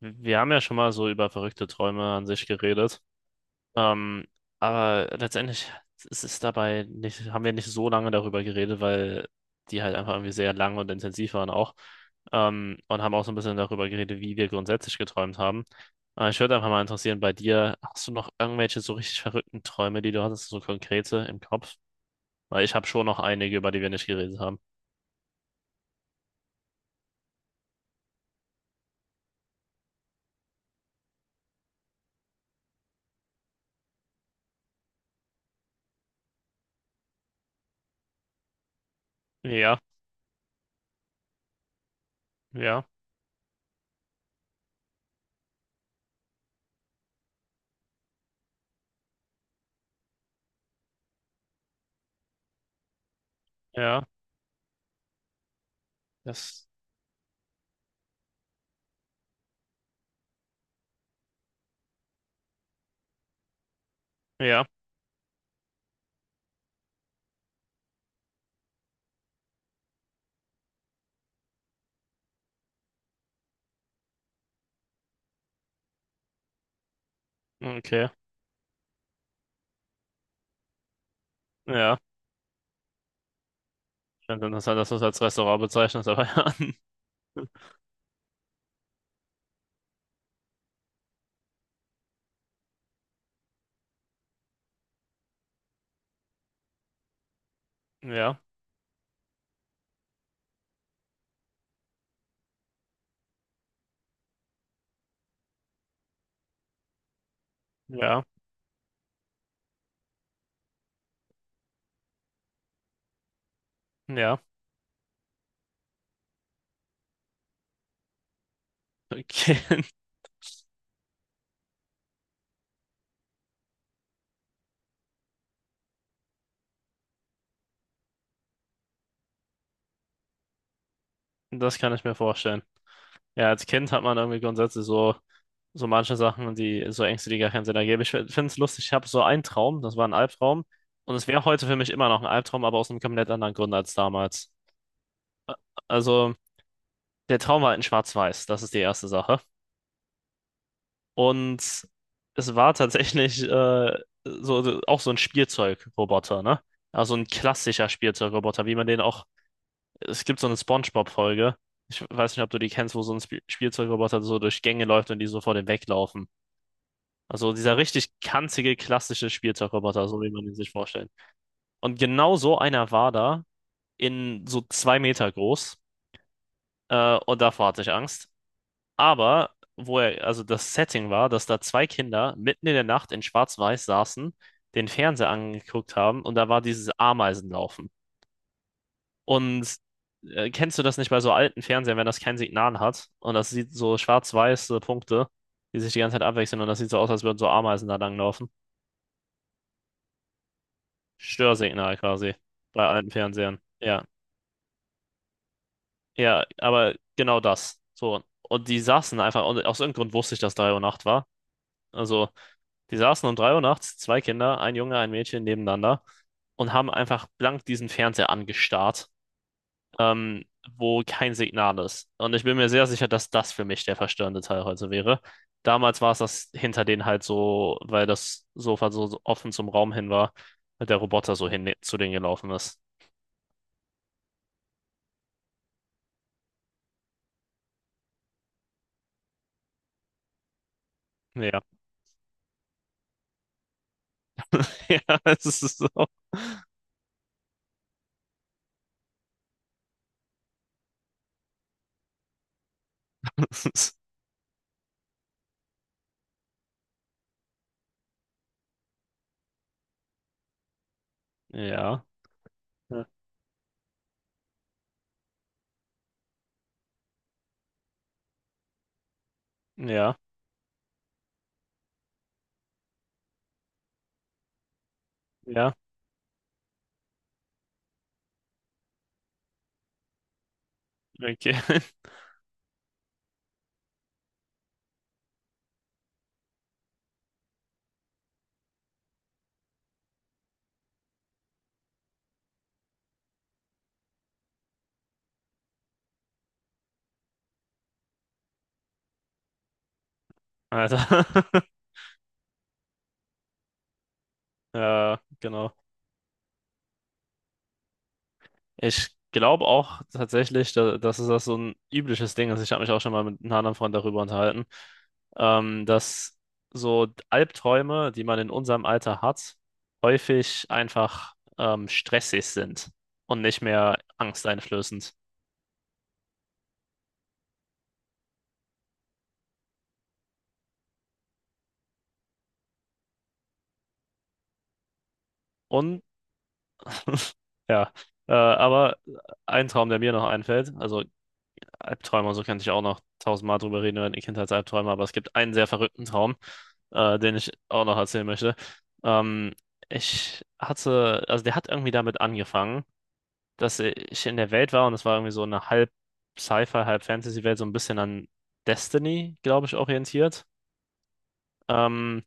Wir haben ja schon mal so über verrückte Träume an sich geredet. Ähm, aber letztendlich ist es dabei nicht, haben wir nicht so lange darüber geredet, weil die halt einfach irgendwie sehr lang und intensiv waren auch. Und haben auch so ein bisschen darüber geredet, wie wir grundsätzlich geträumt haben. Aber ich würde einfach mal interessieren, bei dir, hast du noch irgendwelche so richtig verrückten Träume, die du hattest, so konkrete im Kopf? Weil ich habe schon noch einige, über die wir nicht geredet haben. Ja, ja, ja, das, ja, okay, ja. Ganz interessant, dass du es als Restaurant bezeichnest, aber ja. Ja, ja, ja. Okay, das kann ich mir vorstellen. Ja, als Kind hat man irgendwie grundsätzlich so, so manche Sachen, die so Ängste, die gar keinen Sinn ergeben. Ich finde es lustig, ich habe so einen Traum, das war ein Albtraum. Und es wäre heute für mich immer noch ein Albtraum, aber aus einem komplett anderen Grund als damals. Also, der Traum war halt in Schwarz-Weiß, das ist die erste Sache. Und es war tatsächlich so, auch so ein Spielzeugroboter, ne? Also ein klassischer Spielzeugroboter, wie man den auch. Es gibt so eine SpongeBob-Folge. Ich weiß nicht, ob du die kennst, wo so ein Spielzeugroboter so durch Gänge läuft und die so vor dem weglaufen. Also dieser richtig kanzige klassische Spielzeugroboter, so wie man ihn sich vorstellt. Und genau so einer war da, in so 2 Meter groß. Und davor hatte ich Angst. Aber wo er, also das Setting war, dass da zwei Kinder mitten in der Nacht in Schwarz-Weiß saßen, den Fernseher angeguckt haben und da war dieses Ameisenlaufen. Und kennst du das nicht bei so alten Fernsehern, wenn das kein Signal hat? Und das sieht so schwarz-weiße Punkte, die sich die ganze Zeit abwechseln und das sieht so aus, als würden so Ameisen da langlaufen. Störsignal quasi bei alten Fernsehern. Ja, ja, aber genau das. So. Und die saßen einfach, und aus irgendeinem Grund wusste ich, dass 3 Uhr Nacht war. Also, die saßen um 3 Uhr nachts, zwei Kinder, ein Junge, ein Mädchen nebeneinander und haben einfach blank diesen Fernseher angestarrt, ähm, wo kein Signal ist. Und ich bin mir sehr sicher, dass das für mich der verstörende Teil heute wäre. Damals war es das hinter denen halt so, weil das Sofa so offen zum Raum hin war, weil der Roboter so hin zu denen gelaufen ist. Ja, ja, es ist so. Ja, ja, ja, ja, okay. Also, ja, genau. Ich glaube auch tatsächlich, da, das ist das so ein übliches Ding ist. Ich habe mich auch schon mal mit einem anderen Freund darüber unterhalten, dass so Albträume, die man in unserem Alter hat, häufig einfach stressig sind und nicht mehr angsteinflößend. Und ja, aber ein Traum, der mir noch einfällt, also Albträume, so könnte ich auch noch tausendmal drüber reden über die Kindheitsalbträume, aber es gibt einen sehr verrückten Traum, den ich auch noch erzählen möchte. Ähm, Ich hatte, also der hat irgendwie damit angefangen, dass ich in der Welt war und es war irgendwie so eine halb Sci-Fi, halb Fantasy-Welt, so ein bisschen an Destiny, glaube ich, orientiert. Ähm,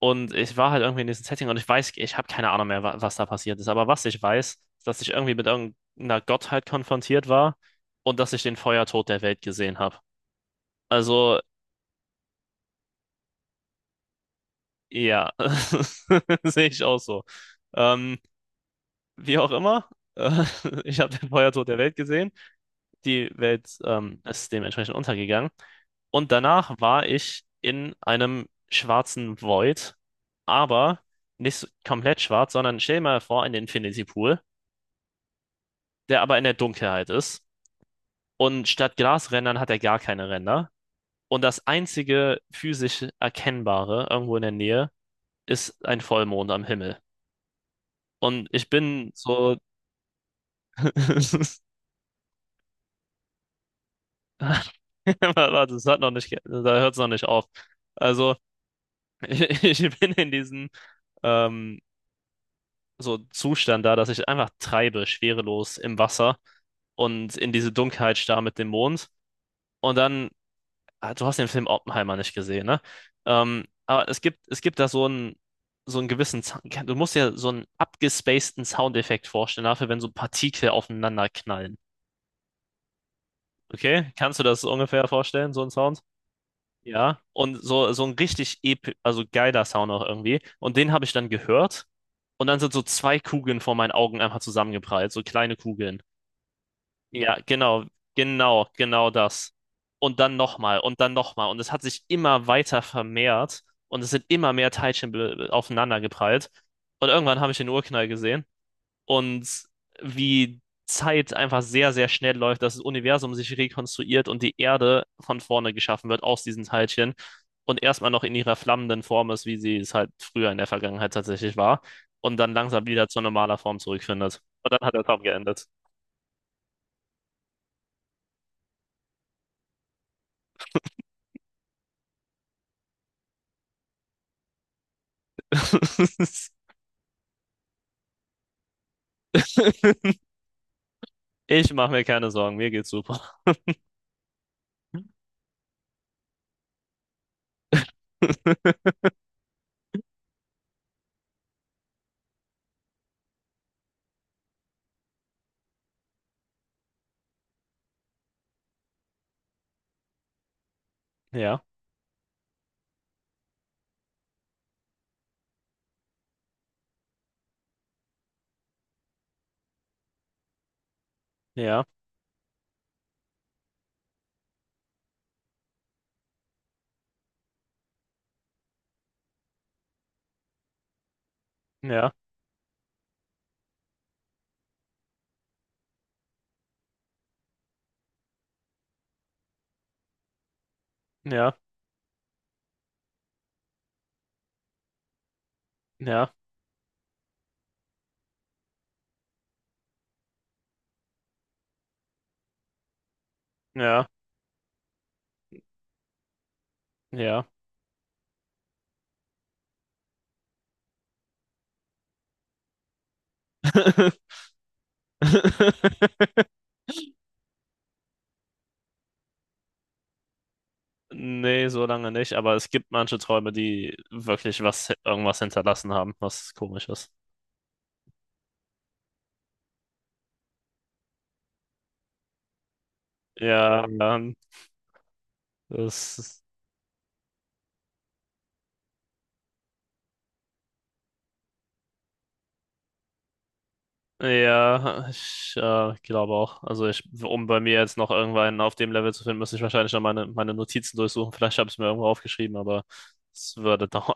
und ich war halt irgendwie in diesem Setting und ich weiß, ich habe keine Ahnung mehr, wa was da passiert ist, aber was ich weiß, ist, dass ich irgendwie mit irgendeiner Gottheit konfrontiert war und dass ich den Feuertod der Welt gesehen habe. Also, ja, sehe ich auch so. Ähm, Wie auch immer, äh, ich habe den Feuertod der Welt gesehen. Die Welt ist dementsprechend untergegangen. Und danach war ich in einem schwarzen Void, aber nicht so- komplett schwarz, sondern stell dir mal vor, ein Infinity Pool, der aber in der Dunkelheit ist. Und statt Glasrändern hat er gar keine Ränder. Und das einzige physisch Erkennbare irgendwo in der Nähe ist ein Vollmond am Himmel. Und ich bin so, warte, das hat noch nicht, ge- da hört es noch nicht auf. Also, ich, ich bin in diesem ähm, so Zustand da, dass ich einfach treibe, schwerelos im Wasser und in diese Dunkelheit starr mit dem Mond. Und dann, ah, du hast den Film Oppenheimer nicht gesehen, ne? Aber es gibt da so einen gewissen, du musst dir so einen abgespaceden Soundeffekt vorstellen, dafür, wenn so Partikel aufeinander knallen. Okay? Kannst du das ungefähr vorstellen, so einen Sound? Ja, und so, so ein richtig ep also geiler Sound auch irgendwie. Und den habe ich dann gehört. Und dann sind so zwei Kugeln vor meinen Augen einfach zusammengeprallt, so kleine Kugeln. Ja, genau, genau, genau das. Und dann nochmal und dann nochmal. Und es hat sich immer weiter vermehrt und es sind immer mehr Teilchen aufeinander geprallt. Und irgendwann habe ich den Urknall gesehen und wie Zeit einfach sehr, sehr schnell läuft, dass das Universum sich rekonstruiert und die Erde von vorne geschaffen wird aus diesen Teilchen und erstmal noch in ihrer flammenden Form ist, wie sie es halt früher in der Vergangenheit tatsächlich war und dann langsam wieder zur normaler Form zurückfindet. Und dann hat der Traum geendet. Ich mache mir keine Sorgen, mir geht's super. Ja, ja, ja, ja, ja, ja, ja. Nee, so lange nicht, aber es gibt manche Träume, die wirklich was, irgendwas hinterlassen haben, was komisch ist. Ja, das ist, ja, ich glaube auch. Also ich, um bei mir jetzt noch irgendwann auf dem Level zu finden, müsste ich wahrscheinlich noch meine, meine Notizen durchsuchen. Vielleicht habe ich es mir irgendwo aufgeschrieben, aber es würde dauern.